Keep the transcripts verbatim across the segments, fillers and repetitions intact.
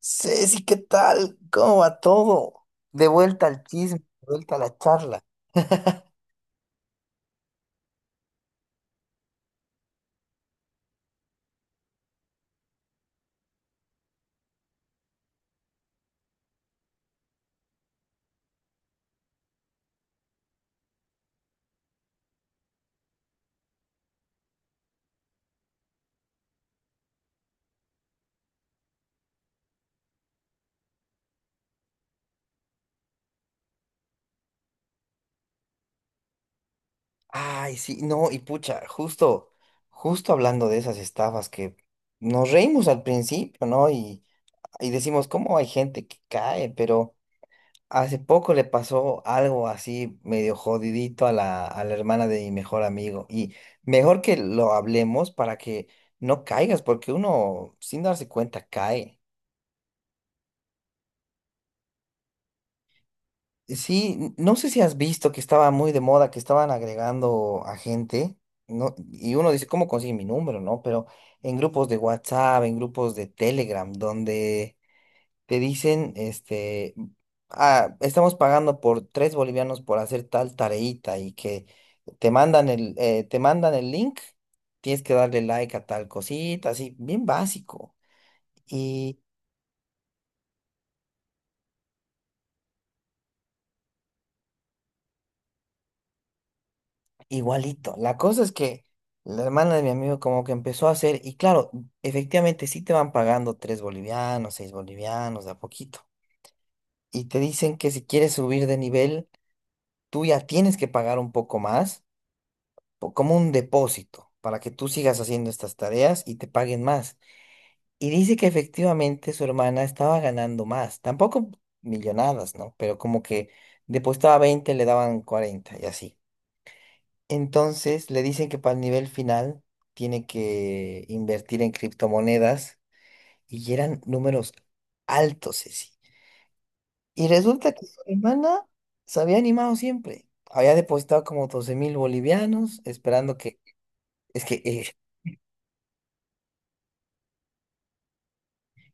Ceci, ¿qué tal? ¿Cómo va todo? De vuelta al chisme, de vuelta a la charla. Ay, sí, no, y pucha, justo, justo hablando de esas estafas que nos reímos al principio, ¿no? Y, y decimos, ¿cómo hay gente que cae? Pero hace poco le pasó algo así medio jodidito a la, a la hermana de mi mejor amigo. Y mejor que lo hablemos para que no caigas, porque uno, sin darse cuenta, cae. Sí, no sé si has visto que estaba muy de moda, que estaban agregando a gente, ¿no? Y uno dice, ¿cómo consigue mi número, no? Pero en grupos de WhatsApp, en grupos de Telegram, donde te dicen, este, ah, estamos pagando por tres bolivianos por hacer tal tareita y que te mandan el, eh, te mandan el link, tienes que darle like a tal cosita, así, bien básico. Igualito. La cosa es que la hermana de mi amigo como que empezó a hacer, y claro, efectivamente sí te van pagando tres bolivianos, seis bolivianos, de a poquito. Y te dicen que si quieres subir de nivel, tú ya tienes que pagar un poco más, po- como un depósito, para que tú sigas haciendo estas tareas y te paguen más. Y dice que efectivamente su hermana estaba ganando más, tampoco millonadas, ¿no? Pero como que depositaba veinte le daban cuarenta y así. Entonces le dicen que para el nivel final tiene que invertir en criptomonedas y eran números altos, Ceci. Y resulta que su hermana se había animado siempre. Había depositado como doce mil bolivianos, esperando que. Es que, eh,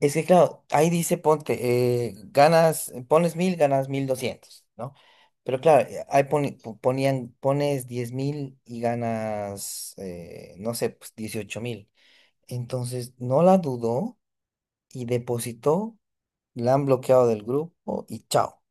es que claro, ahí dice: ponte, eh, ganas, pones mil, ganas mil doscientos, ¿no? Pero claro, eh, ahí poni- po- ponían, pones diez mil y ganas, eh, no sé, pues dieciocho mil. Entonces no la dudó y depositó, la han bloqueado del grupo y chao.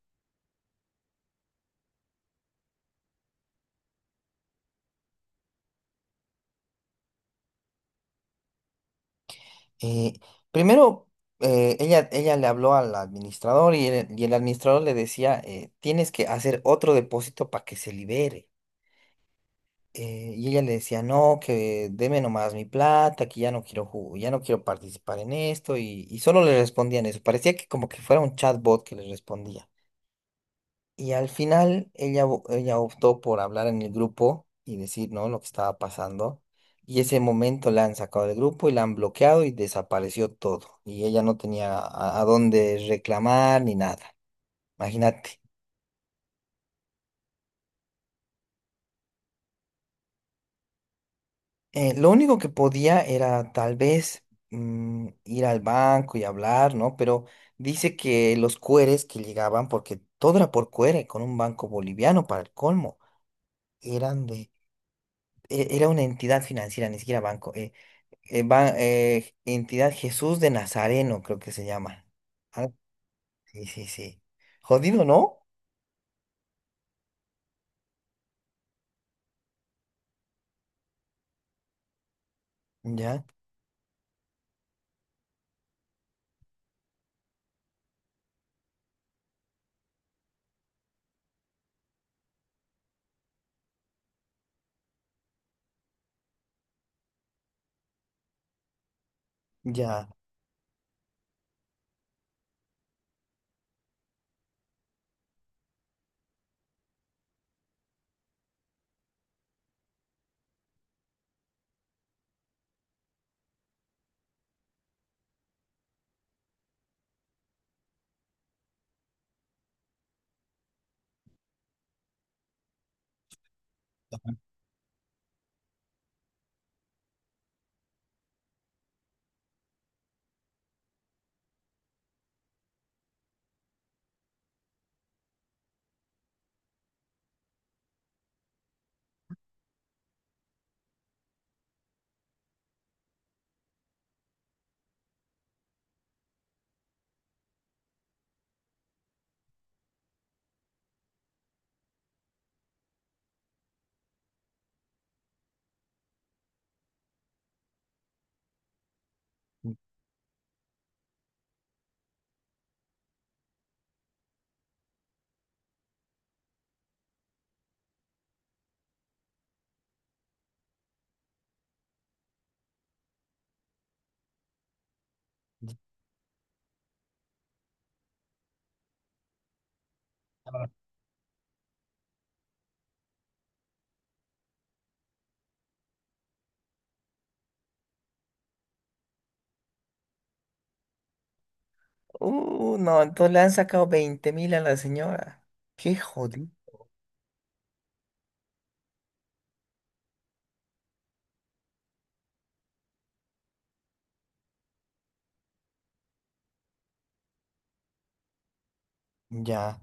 Eh, Primero, eh, ella, ella le habló al administrador y el, y el administrador le decía, eh, tienes que hacer otro depósito para que se libere. Eh, y ella le decía, no, que deme nomás mi plata, que ya no quiero ju- ya no quiero participar en esto. Y, y solo le respondían eso. Parecía que como que fuera un chatbot que le respondía. Y al final ella, vo- ella optó por hablar en el grupo y decir, ¿no?, lo que estaba pasando. Y ese momento la han sacado del grupo y la han bloqueado y desapareció todo. Y ella no tenía a, a dónde reclamar ni nada. Imagínate. Eh, lo único que podía era tal vez mm, ir al banco y hablar, ¿no? Pero dice que los cueres que llegaban, porque todo era por cuere, con un banco boliviano para el colmo, eran de... e- Era una entidad financiera, ni siquiera banco. Eh, va, eh, entidad Jesús de Nazareno, creo que se llama. Ah, sí, sí, sí. Jodido, ¿no? Ya, ya. Uh, no, entonces le han sacado veinte mil a la señora. Qué jodido. Ya,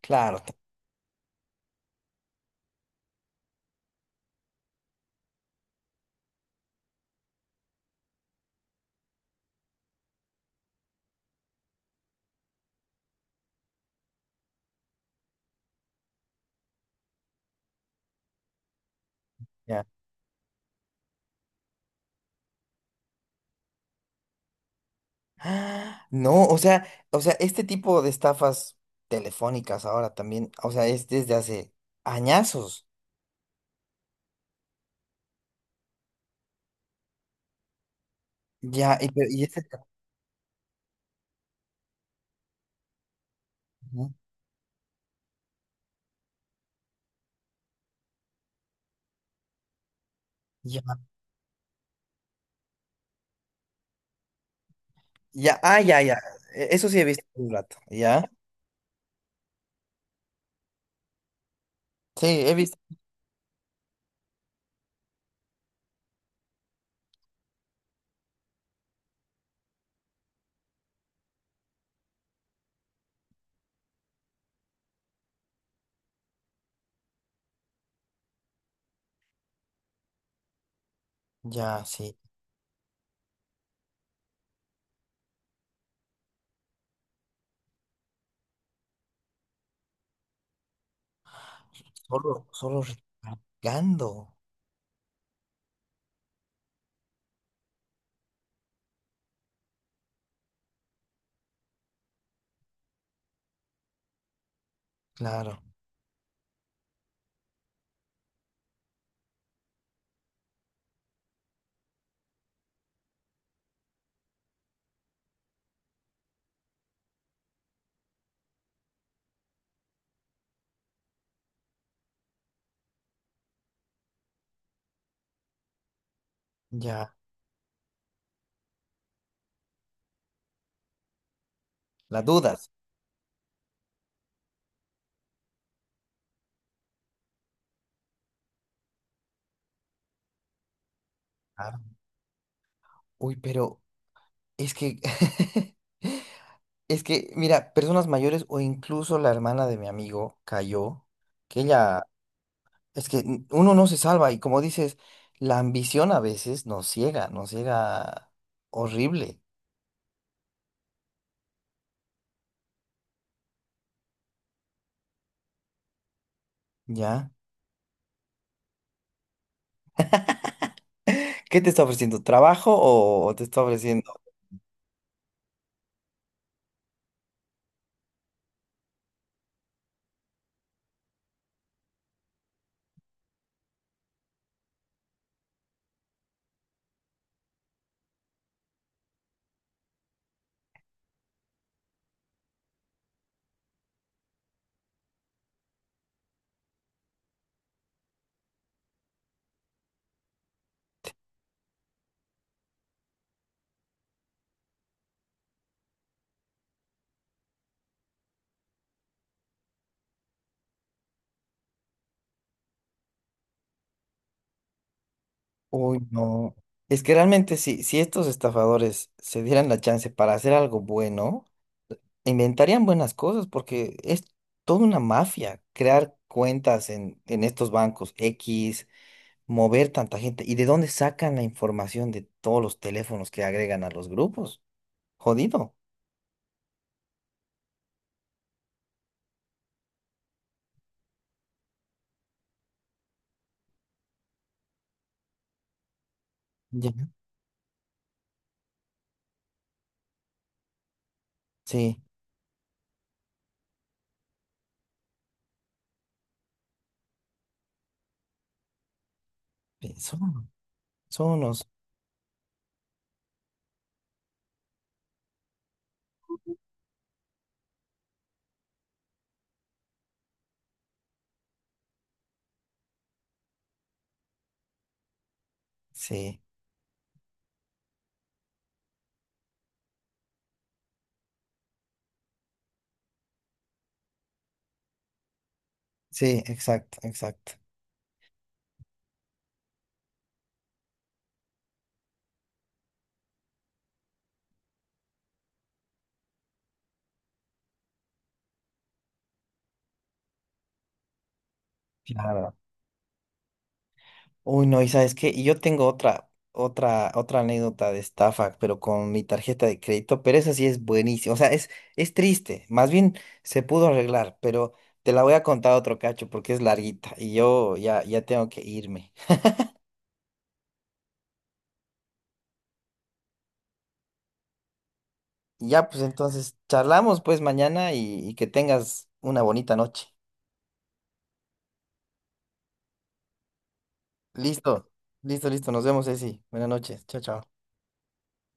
claro, ya. Ah, no, o sea, o sea, este tipo de estafas telefónicas ahora también, o sea, es desde hace añazos. Ya, y, pero- y este. Ujú. Ya, ya, ah, ya, ya. e- Eso sí he visto un rato, ya. Sí, he visto. Ya, sí. Solo, solo recargando. Claro. Ya. La dudas. Claro. Uy, pero es que, es que, mira, personas mayores o incluso la hermana de mi amigo cayó, que ella, es que n- uno no se salva y, como dices, la ambición a veces nos ciega, nos ciega horrible. ¿Ya? ¿Qué te está ofreciendo? ¿Trabajo o te está ofreciendo? Uy, no. Es que realmente si, si estos estafadores se dieran la chance para hacer algo bueno, inventarían buenas cosas porque es toda una mafia crear cuentas en, en estos bancos equis, mover tanta gente. ¿Y de dónde sacan la información de todos los teléfonos que agregan a los grupos? Jodido. Ya, sí, sí, son son unos. Sí, sí, exacto, exacto. Claro. Uy, no, y sabes qué, y yo tengo otra, otra, otra anécdota de estafa, pero con mi tarjeta de crédito, pero esa sí es buenísima, o sea, es, es triste, más bien se pudo arreglar, pero te la voy a contar otro cacho porque es larguita y yo ya, ya tengo que irme. Ya, pues entonces, charlamos pues mañana y, y que tengas una bonita noche. Listo, listo, listo, nos vemos, Ceci. Buenas noches, chao, chao.